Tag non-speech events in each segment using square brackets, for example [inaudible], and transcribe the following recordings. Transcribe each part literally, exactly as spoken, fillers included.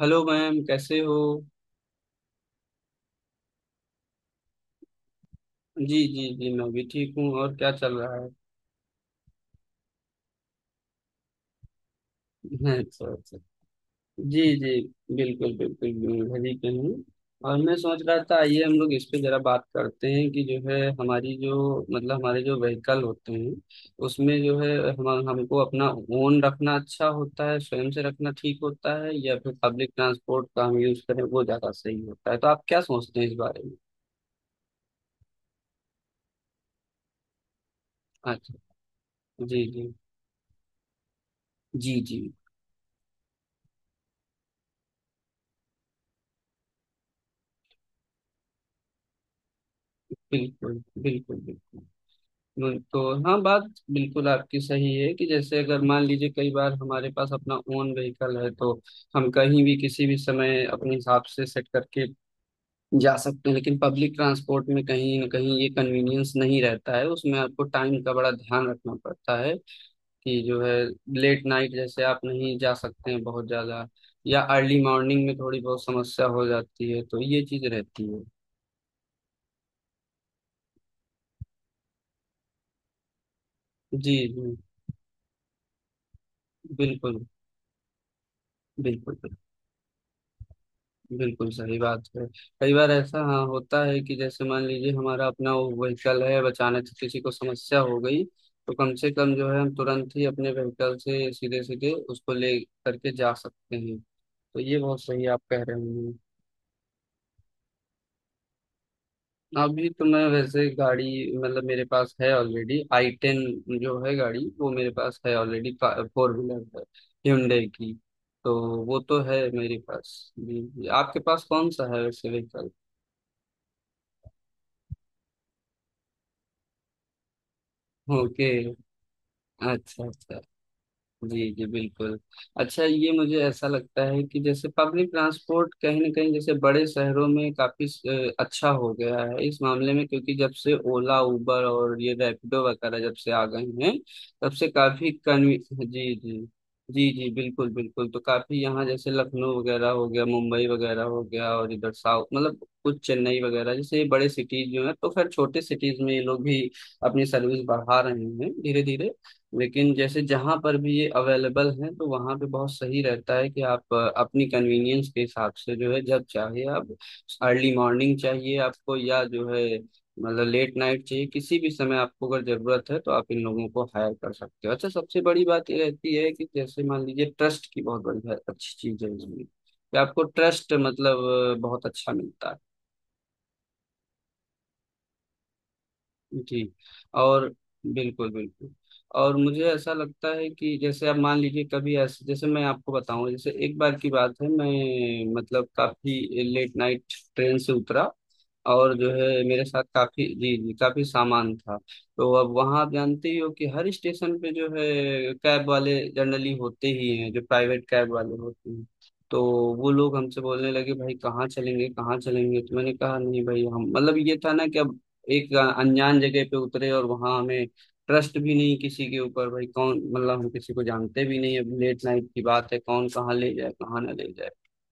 Hello ma'am, कैसे हो। जी जी जी, मैं भी ठीक हूँ। और क्या चल रहा है। [laughs] अच्छा अच्छा। जी जी। बिल्कुल बिल्कुल बिल्कुल, घर ही पे हूँ। और मैं सोच रहा था, आइए हम लोग इस पे जरा बात करते हैं कि जो है हमारी जो मतलब हमारे जो व्हीकल होते हैं उसमें जो है हम हमको अपना ओन रखना अच्छा होता है, स्वयं से रखना ठीक होता है, या फिर पब्लिक ट्रांसपोर्ट का हम यूज करें वो ज्यादा सही होता है, तो आप क्या सोचते हैं इस बारे में। अच्छा। जी जी। जी जी। बिल्कुल बिल्कुल बिल्कुल। बिल्कुल हाँ, बात बिल्कुल आपकी सही है कि जैसे अगर मान लीजिए कई बार हमारे पास अपना ओन व्हीकल है तो हम कहीं भी, किसी भी समय, अपने हिसाब से सेट करके जा सकते हैं। लेकिन पब्लिक ट्रांसपोर्ट में कहीं ना कहीं ये कन्वीनियंस नहीं रहता है, उसमें आपको टाइम का बड़ा ध्यान रखना पड़ता है कि जो है लेट नाइट जैसे आप नहीं जा सकते हैं बहुत ज्यादा, या अर्ली मॉर्निंग में थोड़ी बहुत समस्या हो जाती है, तो ये चीज रहती है। जी जी। बिल्कुल बिल्कुल। बिल्कुल सही बात है। कई बार ऐसा हाँ होता है कि जैसे मान लीजिए हमारा अपना वो व्हीकल है, अब अचानक से किसी को समस्या हो गई, तो कम से कम जो है हम तुरंत ही अपने व्हीकल से सीधे सीधे उसको ले करके जा सकते हैं। तो ये बहुत सही आप कह रहे हैं। अभी तो मैं वैसे गाड़ी मतलब मेरे पास है ऑलरेडी आई टेन, जो है गाड़ी वो मेरे पास है ऑलरेडी, फोर व्हीलर है Hyundai की। तो वो तो है मेरे पास, जी जी। आपके पास कौन सा है वैसे व्हीकल। ओके। अच्छा अच्छा। जी जी बिल्कुल। अच्छा, ये मुझे ऐसा लगता है कि जैसे पब्लिक ट्रांसपोर्ट कहीं ना कहीं जैसे बड़े शहरों में काफी अ, अच्छा हो गया है इस मामले में, क्योंकि जब से ओला उबर और ये रैपिडो वगैरह जब से आ गए हैं, तब से काफी कन्वी जी जी। जी जी बिल्कुल बिल्कुल। तो काफी यहाँ जैसे लखनऊ वगैरह हो गया, मुंबई वगैरह हो गया, और इधर साउथ मतलब कुछ चेन्नई वगैरह, जैसे ये बड़े सिटीज जो है, तो खैर छोटे सिटीज में ये लोग भी अपनी सर्विस बढ़ा रहे हैं धीरे धीरे। लेकिन जैसे जहाँ पर भी ये अवेलेबल है तो वहाँ पे बहुत सही रहता है कि आप अ, अपनी कन्वीनियंस के हिसाब से जो है जब चाहे आप अर्ली मॉर्निंग चाहिए आपको, या जो है मतलब लेट नाइट चाहिए, किसी भी समय आपको अगर जरूरत है तो आप इन लोगों को हायर कर सकते हो। अच्छा, सबसे बड़ी बात ये रहती है कि जैसे मान लीजिए ट्रस्ट की बहुत बड़ी है- अच्छी चीज है इसमें कि आपको ट्रस्ट मतलब अ, बहुत अच्छा मिलता है। जी। और बिल्कुल बिल्कुल। और मुझे ऐसा लगता है कि जैसे आप मान लीजिए कभी ऐसे जैसे मैं आपको बताऊं, जैसे एक बार की बात है मैं मतलब काफी लेट नाइट ट्रेन से उतरा, और जो है मेरे साथ काफी जी जी काफी सामान था। तो अब वहां आप जानते ही हो कि हर स्टेशन पे जो है कैब वाले जनरली होते ही हैं, जो प्राइवेट कैब वाले होते हैं, तो वो लोग हमसे बोलने लगे भाई कहाँ चलेंगे, कहाँ चलेंगे। तो मैंने कहा नहीं भाई हम मतलब ये था ना कि अब एक अनजान जगह पे उतरे और वहां हमें ट्रस्ट भी नहीं किसी के ऊपर, भाई कौन, मतलब हम किसी को जानते भी नहीं, अब लेट नाइट की बात है, कौन कहाँ ले जाए, कहाँ ना ले जाए।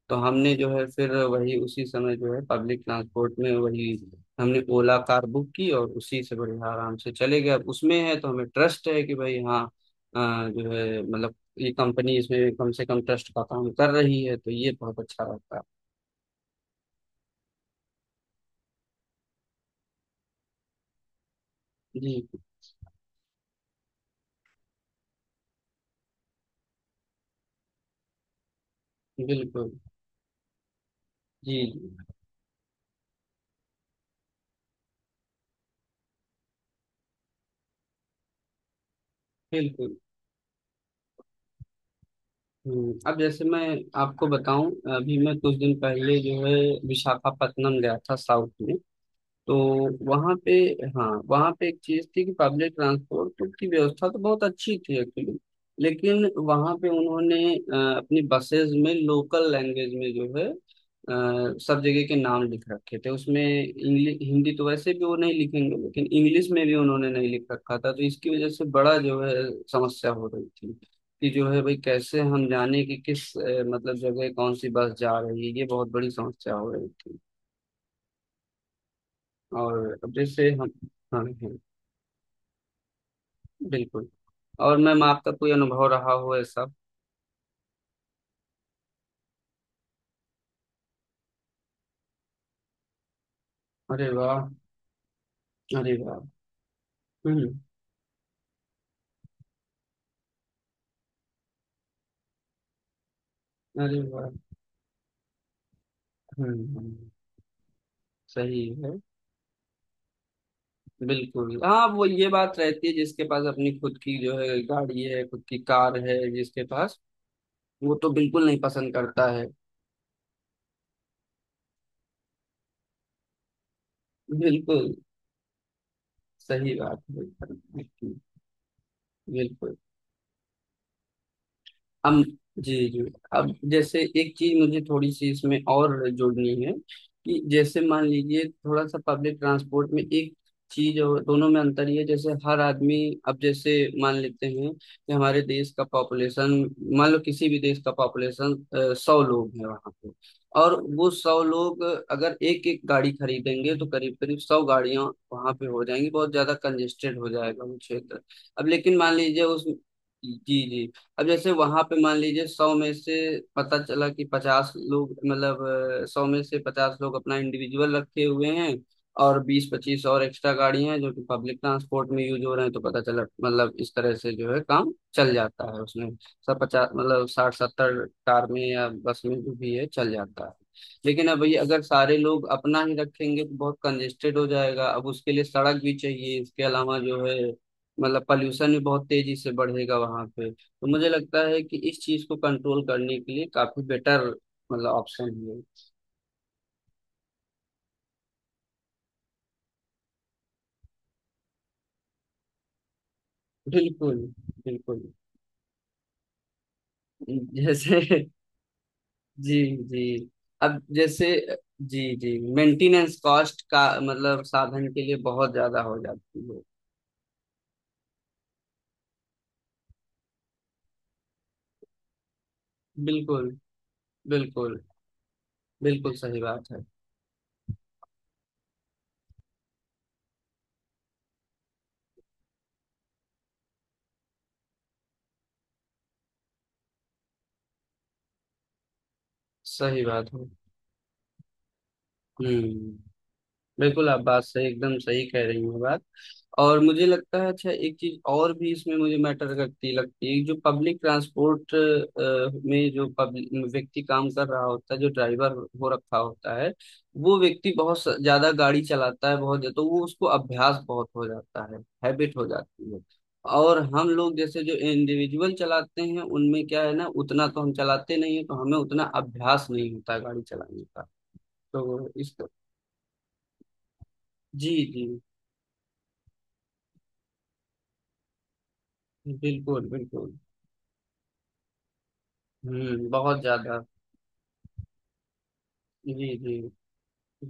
तो हमने जो है फिर वही उसी समय जो है पब्लिक ट्रांसपोर्ट में वही हमने ओला कार बुक की, और उसी से बढ़िया आराम से चले गए। अब उसमें है तो हमें ट्रस्ट है कि भाई हाँ अ, जो है मतलब ये कंपनी इसमें कम से कम ट्रस्ट का काम कर रही है, तो ये बहुत अच्छा रहता है। जी बिल्कुल। जी जी बिल्कुल। हम्म, अब जैसे मैं आपको बताऊं, अभी मैं कुछ दिन पहले जो है विशाखापत्तनम गया था साउथ में, तो वहाँ पे, हाँ वहाँ पे एक चीज थी कि पब्लिक ट्रांसपोर्ट की व्यवस्था तो बहुत अच्छी थी एक्चुअली। लेकिन वहाँ पे उन्होंने अ, अपनी बसेस में लोकल लैंग्वेज में जो है अ, सब जगह के नाम लिख रखे थे, उसमें इंग्लिश हिंदी तो वैसे भी वो नहीं लिखेंगे, लेकिन इंग्लिश में भी उन्होंने नहीं लिख रखा था, तो इसकी वजह से बड़ा जो है समस्या हो रही थी, कि जो है भाई कैसे हम जाने कि किस अ, मतलब जगह कौन सी बस जा रही है, ये बहुत बड़ी समस्या हो रही थी। और अब जैसे हम, हाँ हाँ, बिल्कुल। और मैम, आपका कोई अनुभव रहा हो ऐसा। अरे वाह। अरे वाह। हम्म। अरे वाह। हम्म हम्म, सही है। बिल्कुल हाँ, वो ये बात रहती है, जिसके पास अपनी खुद की जो है गाड़ी है, खुद की कार है जिसके पास, वो तो बिल्कुल नहीं पसंद करता है। बिल्कुल सही बात है। बिल्कुल। हम। जी जी। अब जैसे एक चीज मुझे थोड़ी सी इसमें और जोड़नी है, कि जैसे मान लीजिए थोड़ा सा पब्लिक ट्रांसपोर्ट में एक चीज और दोनों में अंतर ये है, जैसे हर आदमी, अब जैसे मान लेते हैं कि हमारे देश का पॉपुलेशन, मान लो किसी भी देश का पॉपुलेशन सौ लोग है वहां पे, और वो सौ लोग अगर एक एक गाड़ी खरीदेंगे तो करीब करीब सौ गाड़ियां वहां पे हो जाएंगी, बहुत ज्यादा कंजेस्टेड हो जाएगा वो क्षेत्र। अब लेकिन मान लीजिए उस जी जी, अब जैसे वहां पे मान लीजिए सौ में से पता चला कि पचास लोग, मतलब अ, सौ में से पचास लोग अपना इंडिविजुअल रखे हुए हैं, और बीस पच्चीस और एक्स्ट्रा गाड़ियां हैं जो कि पब्लिक ट्रांसपोर्ट में यूज हो रहे हैं, तो पता चला, मतलब इस तरह से जो है काम चल जाता है उसमें, सब पचास मतलब साठ सत्तर कार में या बस में जो भी है चल जाता है। लेकिन अब ये अगर सारे लोग अपना ही रखेंगे तो बहुत कंजेस्टेड हो जाएगा, अब उसके लिए सड़क भी चाहिए, इसके अलावा जो है मतलब पॉल्यूशन भी बहुत तेजी से बढ़ेगा वहां पे। तो मुझे लगता है कि इस चीज को कंट्रोल करने के लिए काफी बेटर मतलब ऑप्शन है। बिल्कुल बिल्कुल। जैसे [laughs] जी जी। अब जैसे, जी जी मेंटेनेंस कॉस्ट का मतलब साधन के लिए बहुत ज्यादा हो जाती है। बिल्कुल बिल्कुल। बिल्कुल सही बात है। सही बात है। हम्म, बिल्कुल आप बात सही, एकदम सही कह रही हैं बात। और मुझे लगता है, अच्छा एक चीज और भी इसमें मुझे मैटर करती लगती है, जो पब्लिक ट्रांसपोर्ट में जो पब्लिक व्यक्ति काम कर रहा होता है जो ड्राइवर हो रखा होता है, वो व्यक्ति बहुत स- ज्यादा गाड़ी चलाता है बहुत, तो वो उसको अभ्यास बहुत हो जाता है, हैबिट हो जाती है। और हम लोग जैसे जो इंडिविजुअल चलाते हैं उनमें क्या है ना, उतना तो हम चलाते नहीं है, तो हमें उतना अभ्यास नहीं होता गाड़ी चलाने का, तो इस, जी जी बिल्कुल बिल्कुल। हम्म, बहुत ज्यादा। जी जी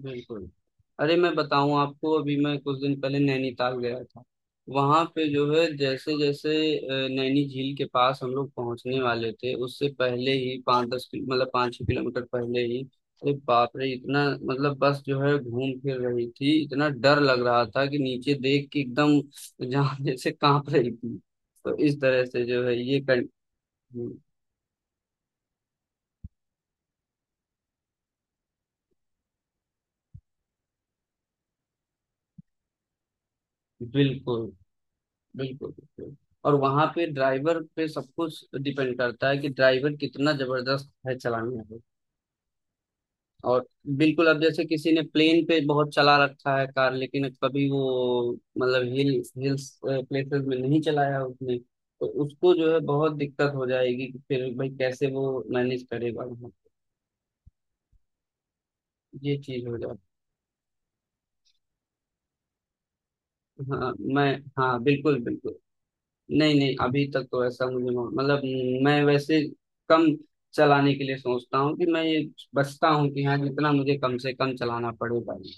बिल्कुल। अरे, मैं बताऊं आपको, अभी मैं कुछ दिन पहले नैनीताल गया था, वहां पे जो है जैसे जैसे अ, नैनी झील के पास हम लोग पहुंचने वाले थे, उससे पहले ही पाँच दस किलो मतलब पाँच छह किलोमीटर पहले ही, अरे बाप रे इतना, मतलब बस जो है घूम फिर रही थी, इतना डर लग रहा था कि नीचे देख के एकदम जान जैसे कांप रही थी। तो इस तरह से जो है ये कर, बिल्कुल बिल्कुल बिल्कुल। और वहां पे ड्राइवर पे सब कुछ डिपेंड करता है कि ड्राइवर कितना जबरदस्त है चलाने में। और बिल्कुल, अब जैसे किसी ने प्लेन पे बहुत चला रखा है कार, लेकिन कभी वो मतलब हिल, हिल्स प्लेसेस में नहीं चलाया उसने, तो उसको जो है बहुत दिक्कत हो जाएगी कि फिर भाई कैसे वो मैनेज करेगा वहाँ पे। ये चीज हो जाती। हाँ मैं, हाँ बिल्कुल बिल्कुल। नहीं नहीं, अभी तक तो ऐसा मुझे मौ- मतलब मैं वैसे कम चलाने के लिए सोचता हूँ कि मैं ये बचता हूँ कि हाँ जितना मुझे कम से कम चलाना पड़ेगा ये,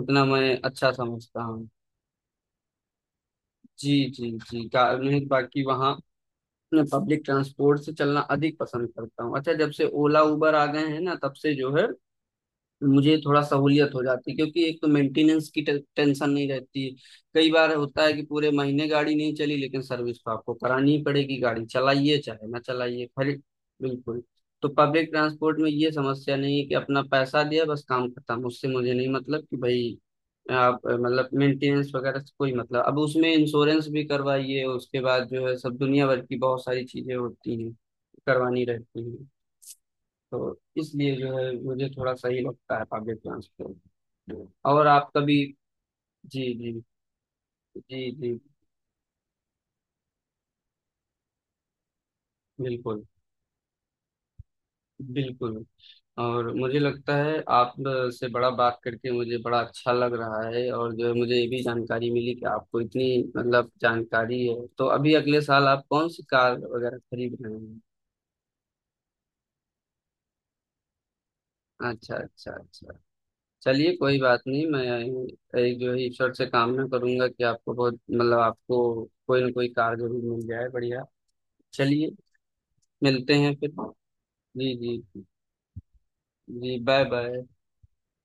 उतना मैं अच्छा समझता हूँ। जी जी जी, कार में, बाकी वहाँ मैं पब्लिक ट्रांसपोर्ट से चलना अधिक पसंद करता हूँ। अच्छा, जब से ओला उबर आ गए हैं ना, तब से जो है मुझे थोड़ा सहूलियत हो जाती, क्योंकि एक तो मेंटेनेंस की टे- टेंशन नहीं रहती। कई बार होता है कि पूरे महीने गाड़ी नहीं चली, लेकिन सर्विस तो आपको करानी ही पड़ेगी, गाड़ी चलाइए चाहे ना चलाइए खरी बिल्कुल। तो पब्लिक ट्रांसपोर्ट में ये समस्या नहीं है कि अपना पैसा दिया, बस काम खत्म, उससे मुझे नहीं, मतलब कि भाई आप अ, मतलब मेंटेनेंस वगैरह से कोई मतलब, अब उसमें इंश्योरेंस भी करवाइए, उसके बाद जो है सब दुनिया भर की बहुत सारी चीजें होती हैं करवानी रहती हैं। तो इसलिए जो है मुझे थोड़ा सही लगता है पब्लिक ट्रांसपोर्ट। और आप कभी, जी जी, जी जी बिल्कुल बिल्कुल। और मुझे लगता है आप से बड़ा, बात करके मुझे बड़ा अच्छा लग रहा है, और जो है मुझे ये भी जानकारी मिली कि आपको इतनी मतलब जानकारी है, तो अभी अगले साल आप कौन सी कार वगैरह खरीद रहे हैं। अच्छा अच्छा अच्छा। चलिए कोई बात नहीं, मैं एक जो है ईश्वर से कामना करूंगा कि आपको बहुत, मतलब आपको कोई ना कोई कार जरूर मिल जाए बढ़िया। चलिए मिलते हैं फिर। जी जी। जी बाय बाय।